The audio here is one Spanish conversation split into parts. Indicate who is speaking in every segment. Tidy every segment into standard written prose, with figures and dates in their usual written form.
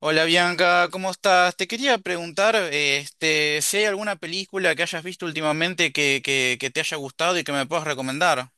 Speaker 1: Hola Bianca, ¿cómo estás? Te quería preguntar, si hay alguna película que hayas visto últimamente que te haya gustado y que me puedas recomendar.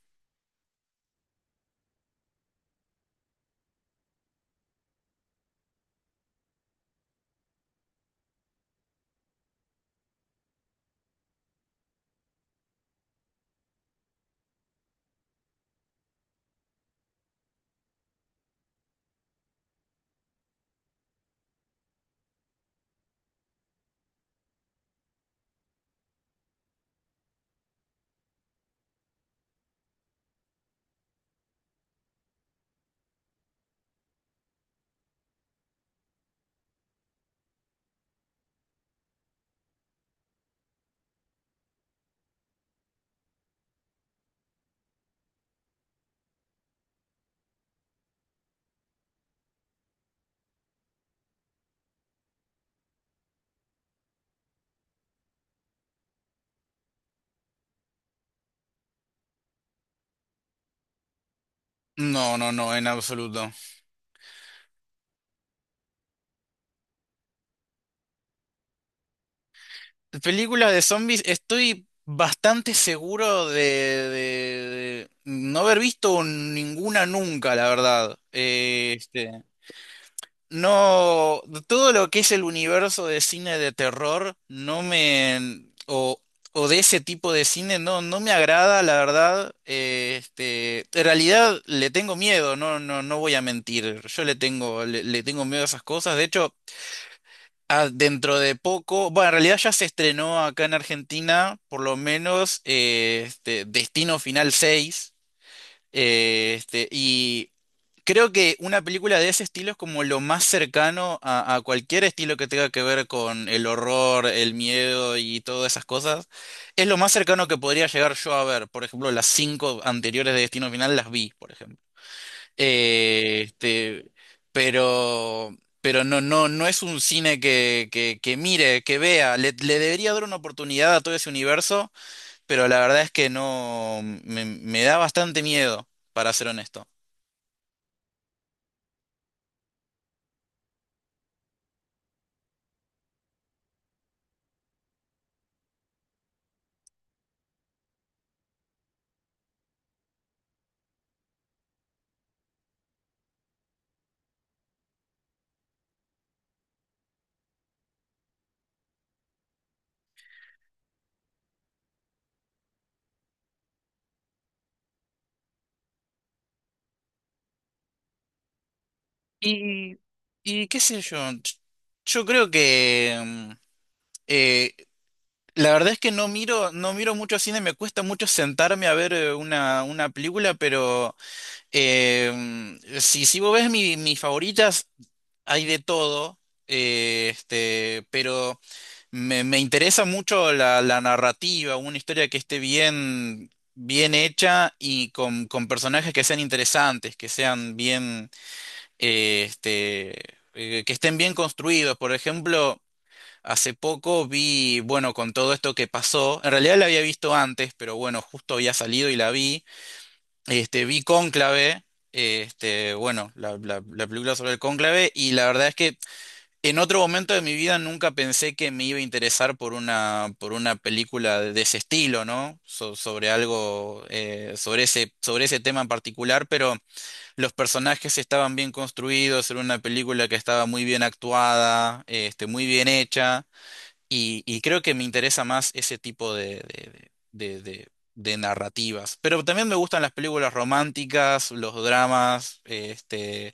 Speaker 1: No, no, no, en absoluto. Películas de zombies, estoy bastante seguro de, de no haber visto ninguna nunca, la verdad. No, todo lo que es el universo de cine de terror, no me, o, o de ese tipo de cine, no, no me agrada, la verdad. En realidad le tengo miedo, no, no, no voy a mentir. Yo le tengo, le tengo miedo a esas cosas. De hecho, dentro de poco, bueno, en realidad ya se estrenó acá en Argentina, por lo menos, Destino Final 6. Y creo que una película de ese estilo es como lo más cercano a cualquier estilo que tenga que ver con el horror, el miedo y todas esas cosas. Es lo más cercano que podría llegar yo a ver. Por ejemplo, las cinco anteriores de Destino Final las vi, por ejemplo. Eh, este, pero, pero no, no, no es un cine que mire, que vea. Le debería dar una oportunidad a todo ese universo, pero la verdad es que no, me da bastante miedo, para ser honesto. Y, y qué sé yo, yo creo que eh, la verdad es que no miro, no miro mucho cine, me cuesta mucho sentarme a ver una película, pero si, mis favoritas, hay de todo, pero me interesa mucho la, la narrativa, una historia que esté bien, bien hecha y con personajes que sean interesantes, que sean bien, eh, este, que estén bien construidos. Por ejemplo, hace poco vi, bueno, con todo esto que pasó, en realidad la había visto antes, pero bueno, justo había salido y la vi. Este, vi Cónclave, este, bueno, la película sobre el cónclave, y la verdad es que en otro momento de mi vida nunca pensé que me iba a interesar por una película de ese estilo, ¿no? Sobre algo, sobre ese tema en particular, pero los personajes estaban bien construidos, era una película que estaba muy bien actuada, este, muy bien hecha, y creo que me interesa más ese tipo de, de narrativas. Pero también me gustan las películas románticas, los dramas, este.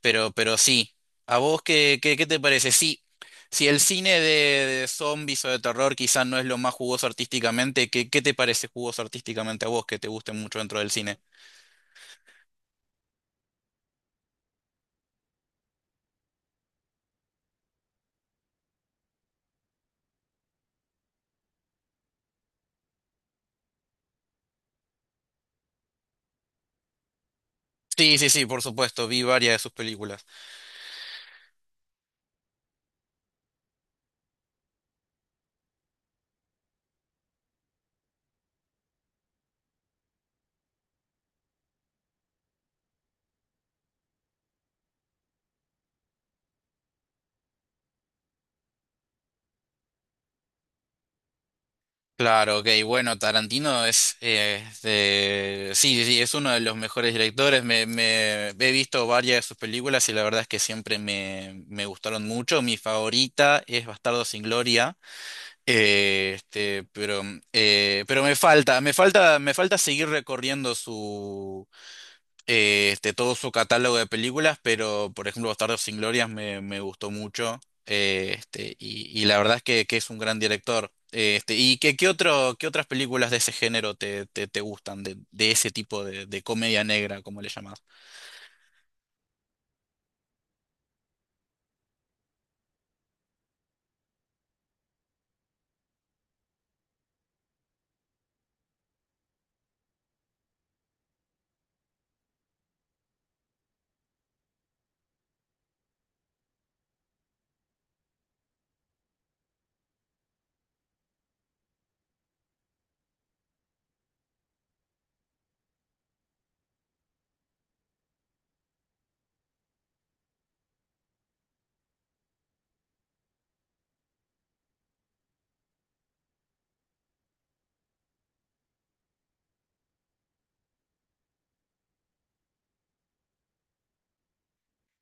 Speaker 1: Pero sí. ¿A vos qué, qué te parece? Sí, si el cine de zombies o de terror quizás no es lo más jugoso artísticamente, ¿qué, qué te parece jugoso artísticamente a vos que te guste mucho dentro del cine? Sí, sí, sí, por supuesto, vi varias de sus películas. Claro, ok, bueno, Tarantino es, sí, sí, sí, es uno de los mejores directores. He visto varias de sus películas y la verdad es que siempre me, me gustaron mucho. Mi favorita es Bastardo sin Gloria. Eh, este, pero, pero me falta, me falta, me falta seguir recorriendo su, todo su catálogo de películas, pero por ejemplo, Bastardos sin Glorias me, me gustó mucho, y la verdad es que es un gran director. ¿Y qué, qué otro, qué otras películas de ese género te, te gustan, de ese tipo de comedia negra, como le llamás?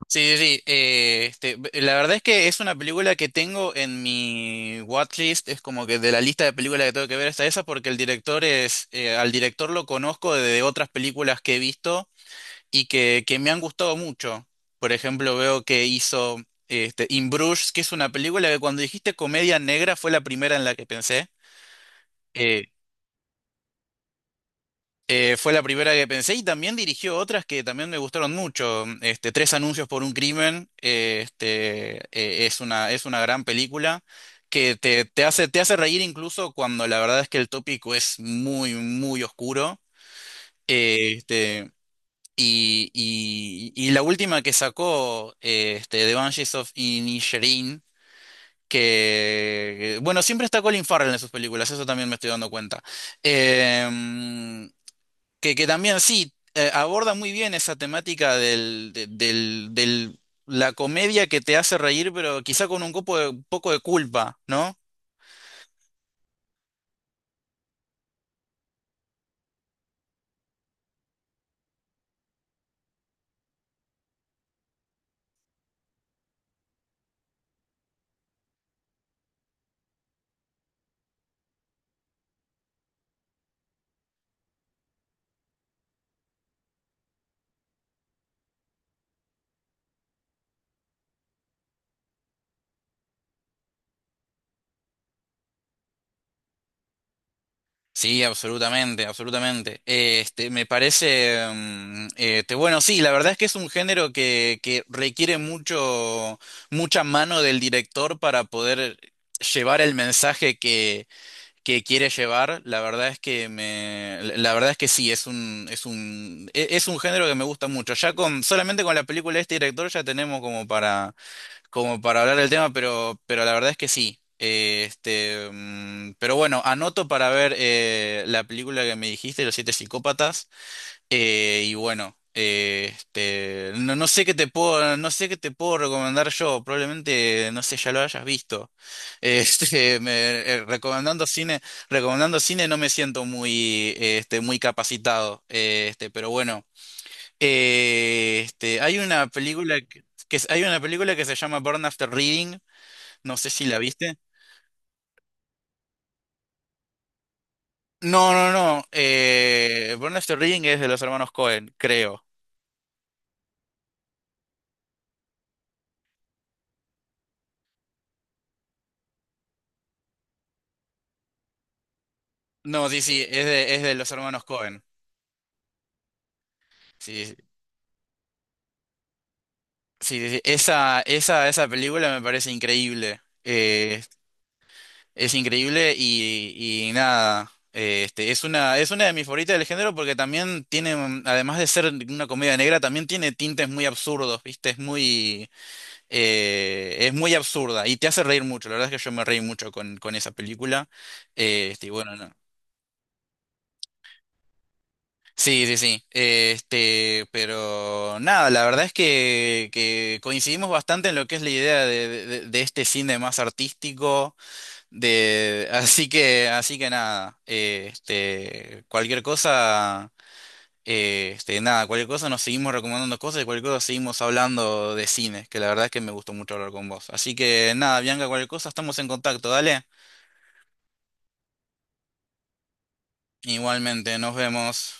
Speaker 1: Sí, sí, sí, la verdad es que es una película que tengo en mi watchlist, es como que de la lista de películas que tengo que ver está esa porque el director es, al director lo conozco de otras películas que he visto y que me han gustado mucho. Por ejemplo, veo que hizo este, In Bruges, que es una película que cuando dijiste comedia negra fue la primera en la que pensé. eh, fue la primera que pensé y también dirigió otras que también me gustaron mucho. Este, Tres anuncios por un crimen, es una gran película que te, te hace reír incluso cuando la verdad es que el tópico es muy, muy oscuro. Eh, este, y, y la última que sacó, The Banshees of Inisherin, que, bueno, siempre está Colin Farrell en sus películas, eso también me estoy dando cuenta. Em, que también sí, aborda muy bien esa temática del, la comedia que te hace reír, pero quizá con un poco de culpa, ¿no? Sí, absolutamente, absolutamente. Me parece, bueno, sí, la verdad es que es un género que requiere mucho, mucha mano del director para poder llevar el mensaje que quiere llevar, la verdad es que me, la verdad es que sí, es un, es un, es un género que me gusta mucho. Ya con, solamente con la película de este director ya tenemos como para, como para hablar del tema, pero la verdad es que sí. Pero bueno, anoto para ver la película que me dijiste, Los Siete Psicópatas. Y bueno, no, no sé qué te puedo, no sé qué te puedo recomendar yo, probablemente, no sé, ya lo hayas visto. Este, me- Recomendando cine, recomendando cine no me siento muy, muy capacitado. Pero bueno, hay una película que, hay una película que se llama Burn After Reading, no sé si la viste. No, no, no. Burn After Reading es de los hermanos Cohen, creo. No, sí, sí, es de los hermanos Cohen. Sí, sí, sí. Esa película me parece increíble. Es increíble y nada. Es una, es una de mis favoritas del género porque también tiene, además de ser una comedia negra, también tiene tintes muy absurdos, ¿viste? Es muy absurda y te hace reír mucho. La verdad es que yo me reí mucho con esa película. Y bueno, no. Sí, sí, sí. Este, pero nada, la verdad es que coincidimos bastante en lo que es la idea de, de este cine más artístico, de, así que nada, cualquier cosa, nada, cualquier cosa nos seguimos recomendando cosas y cualquier cosa seguimos hablando de cine, que la verdad es que me gustó mucho hablar con vos. Así que nada, Bianca, cualquier cosa, estamos en contacto, dale. Igualmente, nos vemos.